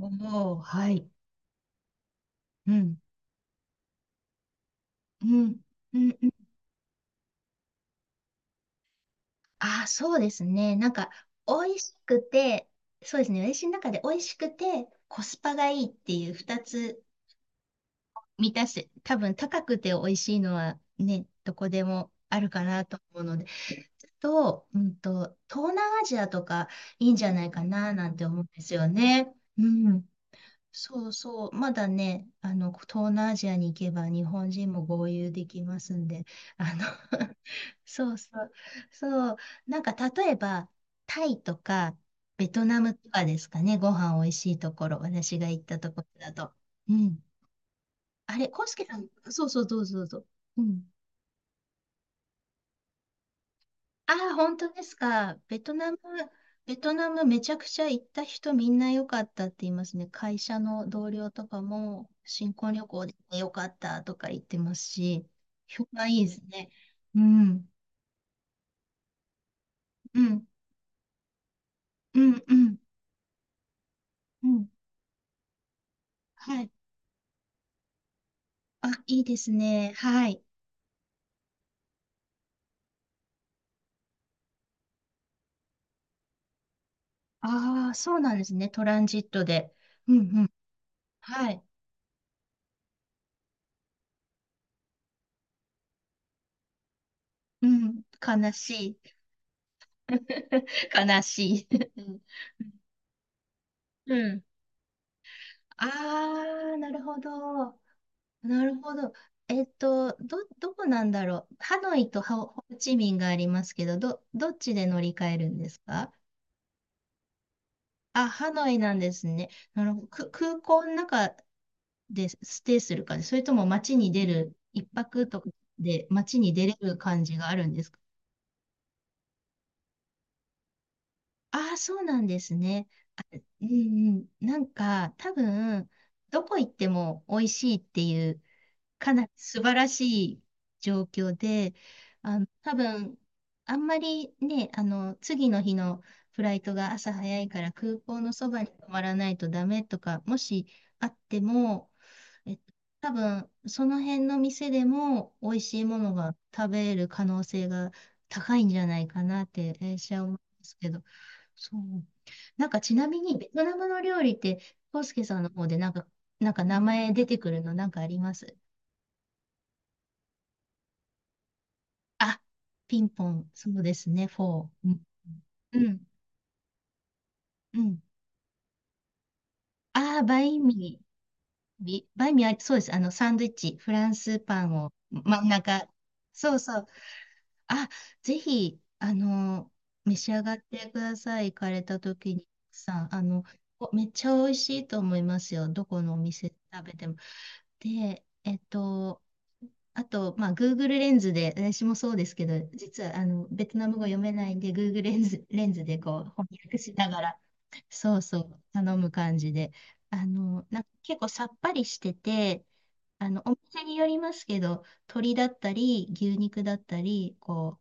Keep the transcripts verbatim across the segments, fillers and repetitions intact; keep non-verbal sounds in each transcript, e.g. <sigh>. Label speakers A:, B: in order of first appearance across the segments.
A: おお、はい。うん、うん、うん、うん。ああ、そうですね。なんか、美味しくて、そうですね。私の中で美味しくて、コスパがいいっていう二つ満たして、多分高くて美味しいのはね、どこでもあるかなと思うので、と、うんと、東南アジアとかいいんじゃないかななんて思うんですよね。うん。そうそう、まだね、あの、東南アジアに行けば日本人も合流できますんで、あの <laughs> そうそう、そう、なんか例えば、タイとか、ベトナムとかですかね、ご飯おいしいところ、私が行ったところだと。うん。あれ、コウスケさん、そうそう、どうぞどうぞ。うん。ああ、本当ですか。ベトナム、ベトナムめちゃくちゃ行った人みんな良かったって言いますね。会社の同僚とかも新婚旅行で良かったとか言ってますし、評判いいですね。うん、うん、うん、うん、うん。はい。あ、いいですね。はい。ああ、そうなんですね。トランジットで。うん、うん。はい。うん、悲しい。<laughs> 悲しい。うん。うん。ああ、なるほど。なるほど。えっと、ど、どこなんだろう。ハノイとホホーチミンがありますけど、ど、どっちで乗り換えるんですか？あ、ハノイなんですね。なるほど。く、空港の中でステイする感じ、それとも街に出る、一泊とかで街に出れる感じがあるんですか？ああ、そうなんですね。うんうん。なんか、多分、どこ行っても美味しいっていうかなり素晴らしい状況で、あの、多分、あんまりね、あの、次の日のフライトが朝早いから空港のそばに泊まらないとダメとか、もしあっても、えっと、多分、その辺の店でも美味しいものが食べれる可能性が高いんじゃないかなって、私は思うんですけど、そう。なんかちなみにベトナムの料理って、コ介スケさんの方でなんか、なんか名前出てくるのなんかあります？あ、ピンポン、そうですね、フォー。うん、うん、うん。ああ、バインミー、ビバインミー、あそうです。あの、サンドイッチ、フランスパンを真ん中。そうそう。あ、ぜひ、あの、召し上がってください。行かれた時にさ、あの、おめっちゃ美味しいと思いますよ。どこのお店食べても。で、えっと、あと、まあ、Google レンズで、私もそうですけど、実はあのベトナム語読めないんで、Google レンズ、レンズでこう翻訳しながら、そうそう、頼む感じで、あのなんか結構さっぱりしてて、あのお店によりますけど、鶏だったり、牛肉だったり、こ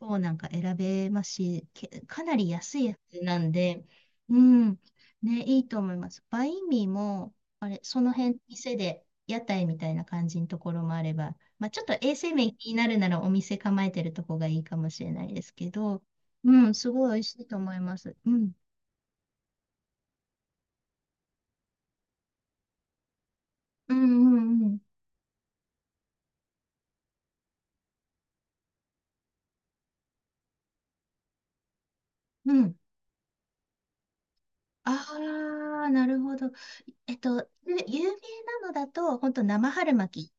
A: をなんか選べますし、け、かなり安いやつなんで、うん、ね、いいと思います。バインミーも、あれ、その辺、店で、屋台みたいな感じのところもあれば、まあ、ちょっと衛生面気になるならお店構えてるとこがいいかもしれないですけど、うん、すごい美味しいと思います。うん、うん、うん、うん。うん。ああ、なるほど。えっと、ゆ有名なのだと、本当生春巻き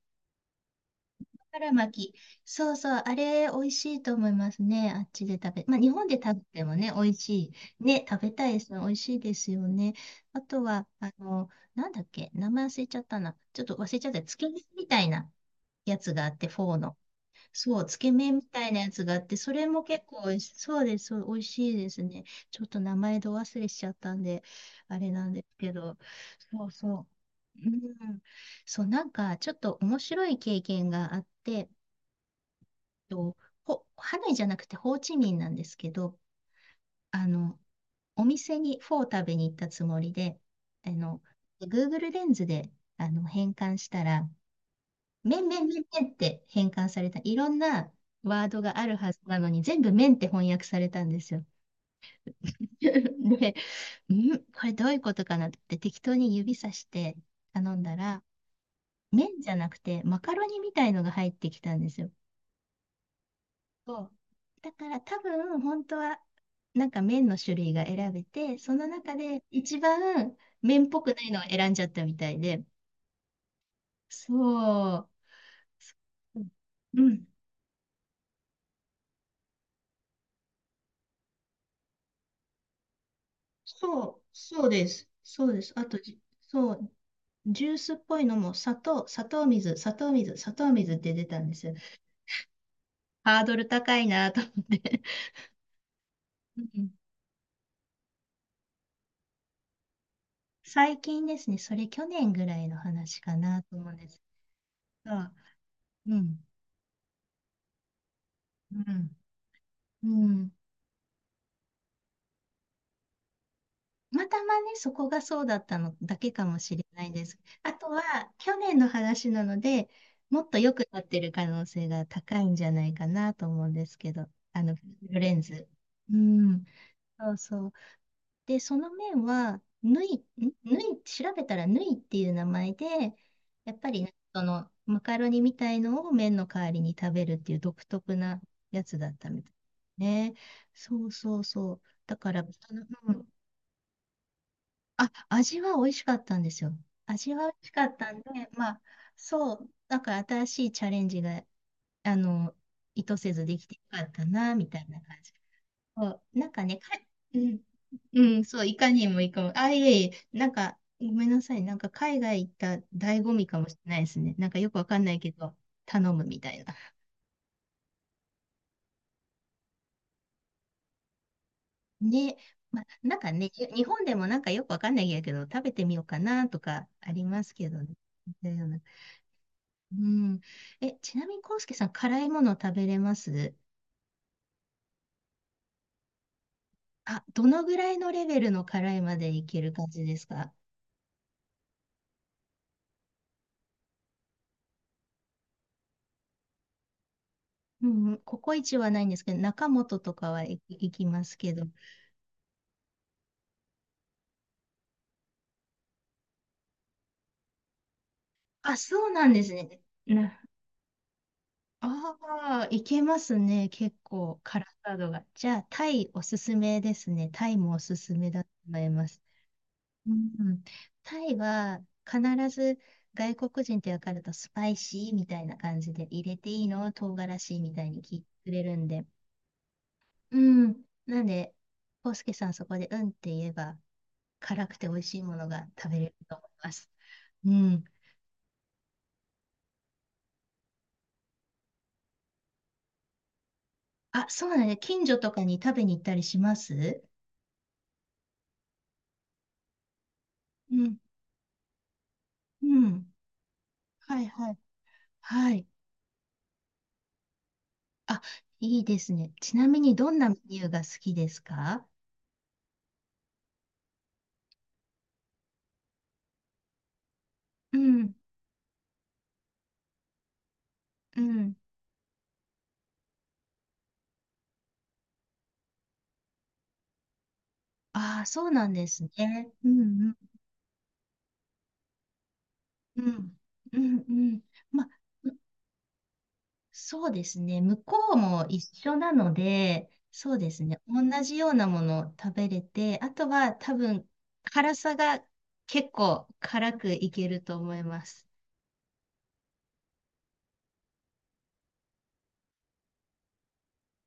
A: 春巻き。そうそう、あれ、美味しいと思いますね。あっちで食べ、まあ、日本で食べてもね、美味しい。ね、食べたいですね。美味しいですよね。あとは、あの、なんだっけ、名前忘れちゃったな。ちょっと忘れちゃった。つけ麺みたいなやつがあって、フォーの。そう、つけ麺みたいなやつがあって、それも結構美味し、そうです。そう美味しいですね。ちょっと名前ど忘れしちゃったんで、あれなんですけど。そうそう。うん。そう、なんか、ちょっと面白い経験があって、と、ほ、ハノイじゃなくてホーチミンなんですけど、あの、お店にフォー食べに行ったつもりで、あの、Google レンズであの変換したら、麺麺麺麺って変換された。いろんなワードがあるはずなのに、全部麺って翻訳されたんですよ。<laughs> で、んこれどういうことかなって適当に指さして頼んだら、麺じゃなくてマカロニみたいのが入ってきたんですよ。そう。だから多分本当はなんか麺の種類が選べて、その中で一番麺っぽくないのを選んじゃったみたいで。そう。うん。そう、そうです。そうです。あとじ、そう、ジュースっぽいのも砂糖、砂糖水、砂糖水、砂糖水、って出たんですよ。ハードル高いなと思って。うん最近ですね、それ去年ぐらいの話かなと思うんですが、うん、うん、うん。たまたまね、そこがそうだったのだけかもしれないです。あとは、去年の話なので、もっと良くなってる可能性が高いんじゃないかなと思うんですけど、あの、フルレンズ。うん、そうそう。で、その面は、ぬい、んぬい、調べたらぬいっていう名前で、やっぱり、その、マカロニみたいのを麺の代わりに食べるっていう独特なやつだったみたいね。そうそうそう。だから、あの、うんあ、味は美味しかったんですよ。味は美味しかったんで、まあ、そう、だから新しいチャレンジが、あの、意図せずできてよかったな、みたいな感じ。そう、なんかね、か、うん、うん、そう、いかにもいかも。あ、いえいえ、なんか、ごめんなさい、なんか海外行った醍醐味かもしれないですね。なんかよくわかんないけど、頼むみたいな。ね、まあ、なんかね、日本でもなんかよくわかんないけど、食べてみようかなとかありますけどね。うん。え、ちなみに、コウスケさん、辛いもの食べれます？あ、どのぐらいのレベルの辛いまでいける感じですか？うんうん、ココイチはないんですけど、中本とか、はい、行きますけど。あ、そうなんですね。な、ああ、いけますね。結構、辛さ度が。じゃあ、タイおすすめですね。タイもおすすめだと思います。うん、タイは必ず外国人って分かるとスパイシーみたいな感じで入れていいの唐辛子みたいに聞いてくれるんで。うん。なんで、コウスケさんそこでうんって言えば辛くて美味しいものが食べれると思います。うん。あ、そうだね。近所とかに食べに行ったりします？うん。うん。はいはい。はい。あ、いいですね。ちなみにどんなメニューが好きですか？うん。うん。ああ、そうなんですね。うんうん。うん。うんうん。まあ、うそうですね。向こうも一緒なので、そうですね。同じようなものを食べれて、あとは多分、辛さが結構辛くいけると思います。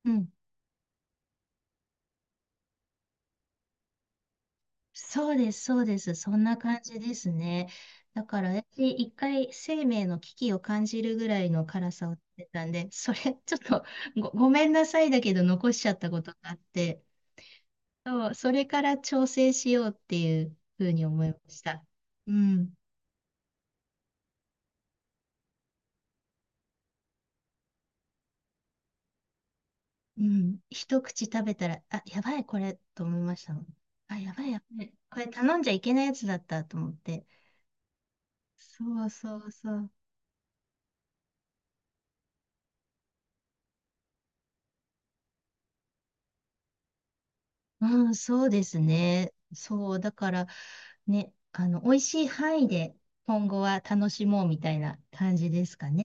A: うん。そうです、そうです。そんな感じですね。だから私、一回生命の危機を感じるぐらいの辛さを食べたんで、それ、ちょっとご、ごめんなさいだけど残しちゃったことがあって、そう、それから調整しようっていうふうに思いました。うん。うん。一口食べたら、あ、やばい、これ、と思いましたもん。あ、やばい、やばい。これ頼んじゃいけないやつだったと思って。そうそうそう。うん、そうですね。そう、だから、ね、あの、美味しい範囲で今後は楽しもうみたいな感じですかね。